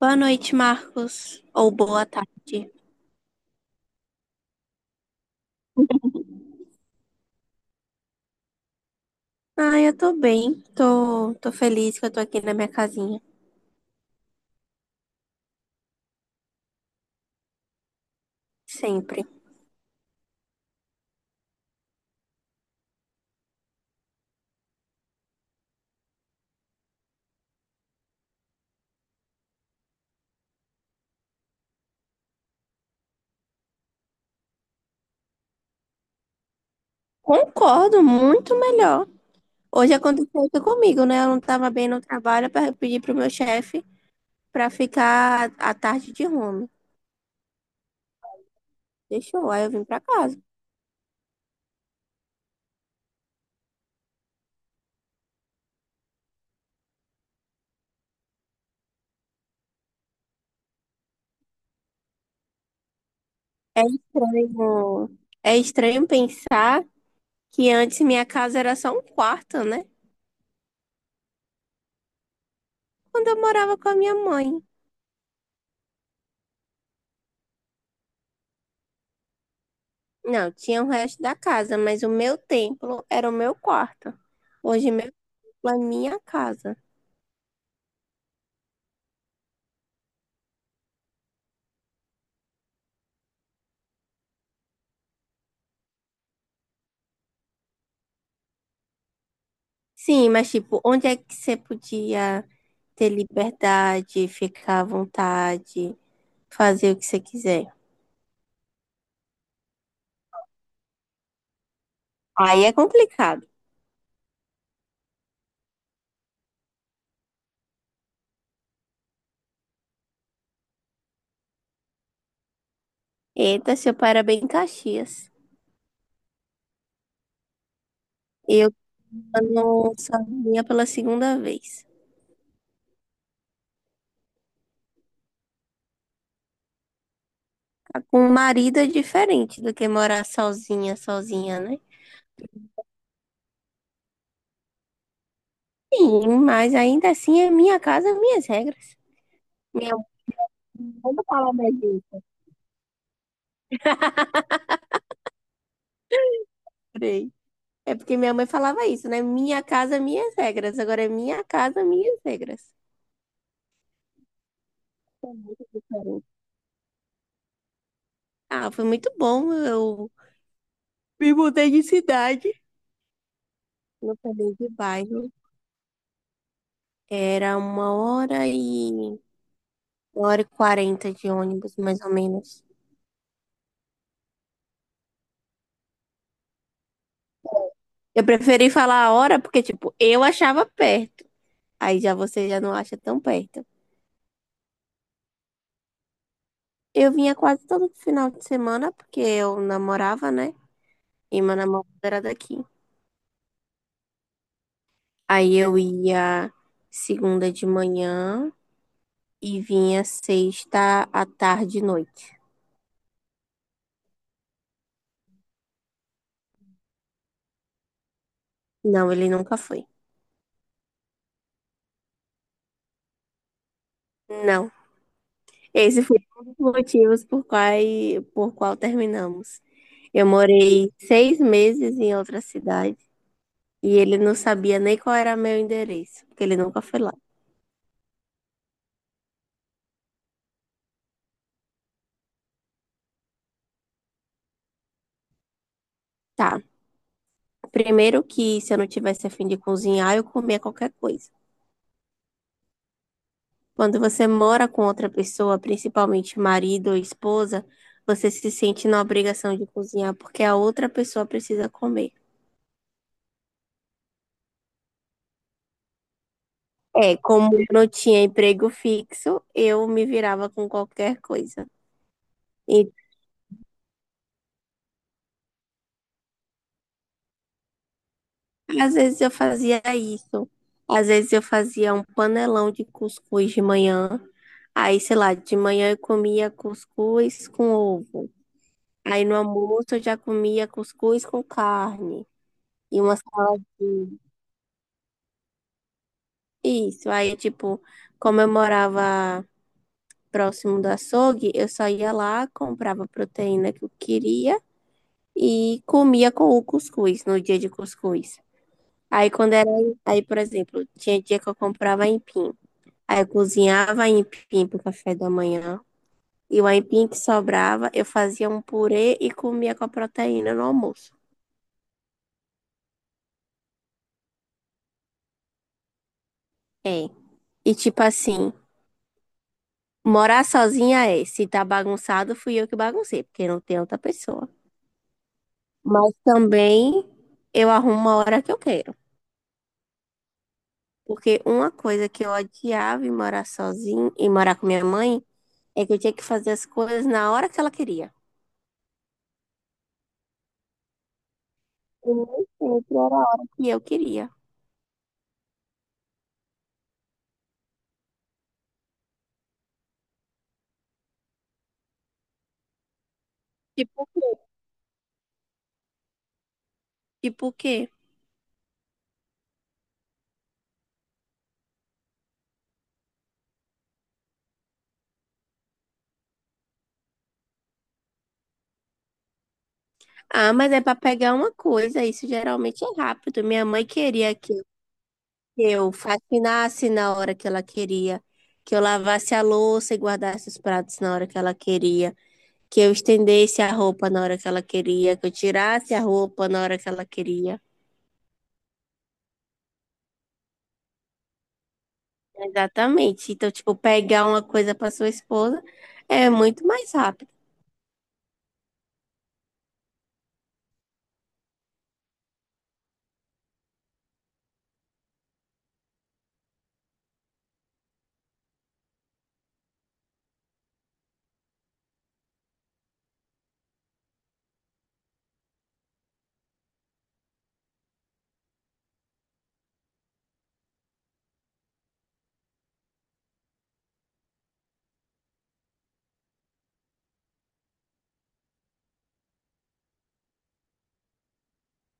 Boa noite, Marcos. Ou boa tarde. Ah, eu tô bem. Tô feliz que eu tô aqui na minha casinha. Sempre. Concordo, muito melhor. Hoje aconteceu isso comigo, né? Eu não tava bem no trabalho, eu pedi pro meu chefe pra ficar a tarde de home. Deixou, aí eu vim pra casa. É estranho pensar que antes minha casa era só um quarto, né? Quando eu morava com a minha mãe. Não, tinha o resto da casa, mas o meu templo era o meu quarto. Hoje meu templo é minha casa. Sim, mas tipo, onde é que você podia ter liberdade, ficar à vontade, fazer o que você quiser? Aí é complicado. Eita, seu pai era bem Caxias. Eu morando sozinha pela segunda vez. Tá. Com um marido é diferente do que morar sozinha, sozinha, né? Sim, mas ainda assim é minha casa, minhas regras. Minha. Vamos falar mais disso. Peraí. É porque minha mãe falava isso, né? Minha casa, minhas regras. Agora é minha casa, minhas regras. É muito diferente. Ah, foi muito bom. Eu me mudei de cidade. Não falei de bairro. Era uma hora e... 1 hora e 40 de ônibus, mais ou menos. Eu preferi falar a hora porque, tipo, eu achava perto. Aí já você já não acha tão perto. Eu vinha quase todo final de semana porque eu namorava, né? E meu namorado era daqui. Aí eu ia segunda de manhã e vinha sexta à tarde e noite. Não, ele nunca foi. Não. Esse foi um dos motivos por qual terminamos. Eu morei 6 meses em outra cidade e ele não sabia nem qual era meu endereço, porque ele nunca foi lá. Tá. Primeiro que se eu não tivesse a fim de cozinhar, eu comia qualquer coisa. Quando você mora com outra pessoa, principalmente marido ou esposa, você se sente na obrigação de cozinhar porque a outra pessoa precisa comer. É, como eu não tinha emprego fixo, eu me virava com qualquer coisa. E às vezes eu fazia isso. Às vezes eu fazia um panelão de cuscuz de manhã. Aí, sei lá, de manhã eu comia cuscuz com ovo. Aí no almoço eu já comia cuscuz com carne e uma saladinha. Isso, aí, tipo, como eu morava próximo do açougue, eu só ia lá, comprava a proteína que eu queria e comia com o cuscuz, no dia de cuscuz. Aí, quando era, aí, por exemplo, tinha dia que eu comprava aipim. Aí, eu cozinhava aipim pro café da manhã. E o aipim que sobrava, eu fazia um purê e comia com a proteína no almoço. É. E, tipo assim, morar sozinha é, se tá bagunçado, fui eu que baguncei, porque não tem outra pessoa. Mas também eu arrumo uma hora que eu quero. Porque uma coisa que eu odiava em morar sozinha e morar com minha mãe é que eu tinha que fazer as coisas na hora que ela queria. E nem sempre era a hora que eu queria. Tipo o quê? Tipo o quê? Ah, mas é para pegar uma coisa, isso geralmente é rápido. Minha mãe queria que eu faxinasse na hora que ela queria, que eu lavasse a louça e guardasse os pratos na hora que ela queria, que eu estendesse a roupa na hora que ela queria, que eu tirasse a roupa na hora que ela queria. Exatamente. Então, tipo, pegar uma coisa para sua esposa é muito mais rápido.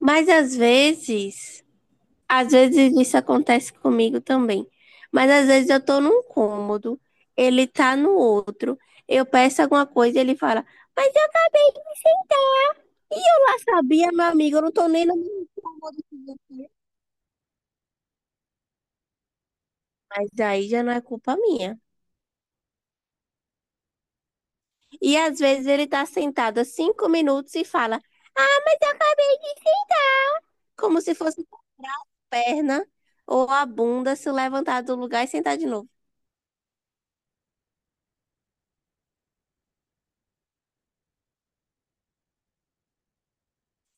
Mas às vezes, às vezes isso acontece comigo também. Mas às vezes eu tô num cômodo, ele tá no outro, eu peço alguma coisa e ele fala: "Mas eu acabei de me sentar". E eu lá sabia, meu amigo, eu não tô nem no mesmo cômodo que você. Mas aí já não é culpa minha. E às vezes ele tá sentado há 5 minutos e fala, mas eu acabei de... Como se fosse o braço, a perna ou a bunda se levantar do lugar e sentar de novo.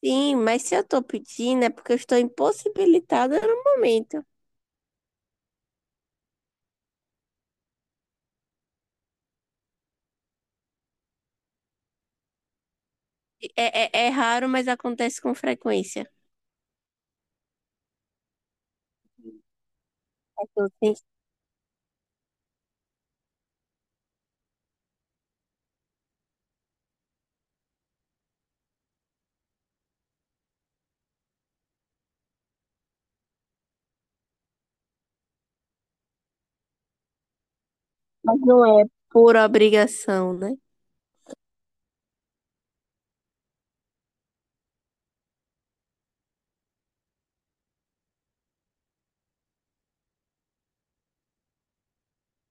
Sim, mas se eu tô pedindo é porque eu estou impossibilitada no momento. É, é, é raro, mas acontece com frequência. Mas não é por obrigação, né?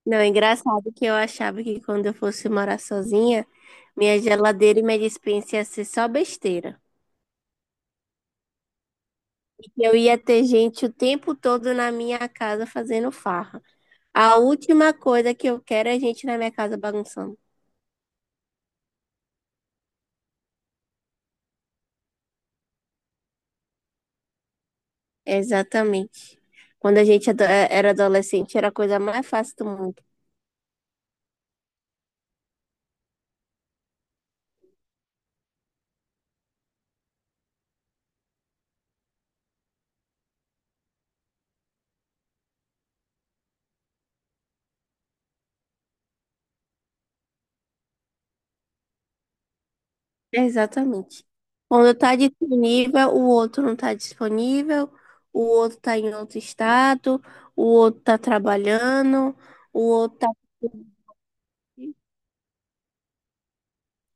Não, é engraçado que eu achava que quando eu fosse morar sozinha, minha geladeira e minha despensa ia ser só besteira. Eu ia ter gente o tempo todo na minha casa fazendo farra. A última coisa que eu quero é gente na minha casa bagunçando. Exatamente. Quando a gente era adolescente, era a coisa mais fácil do mundo. Exatamente. Quando está disponível, o outro não está disponível, o outro está em outro estado, o outro está trabalhando, o outro tá.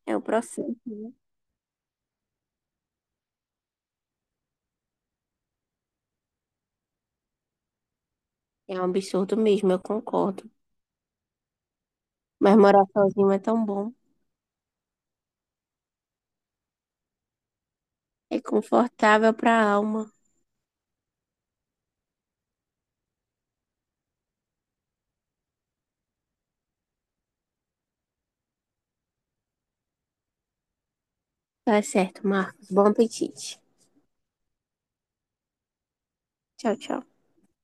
É um processo, né? É um absurdo mesmo, eu concordo. Mas morar sozinho é tão bom. É confortável para a alma. Tá certo, Marcos. Bom apetite. Tchau, tchau.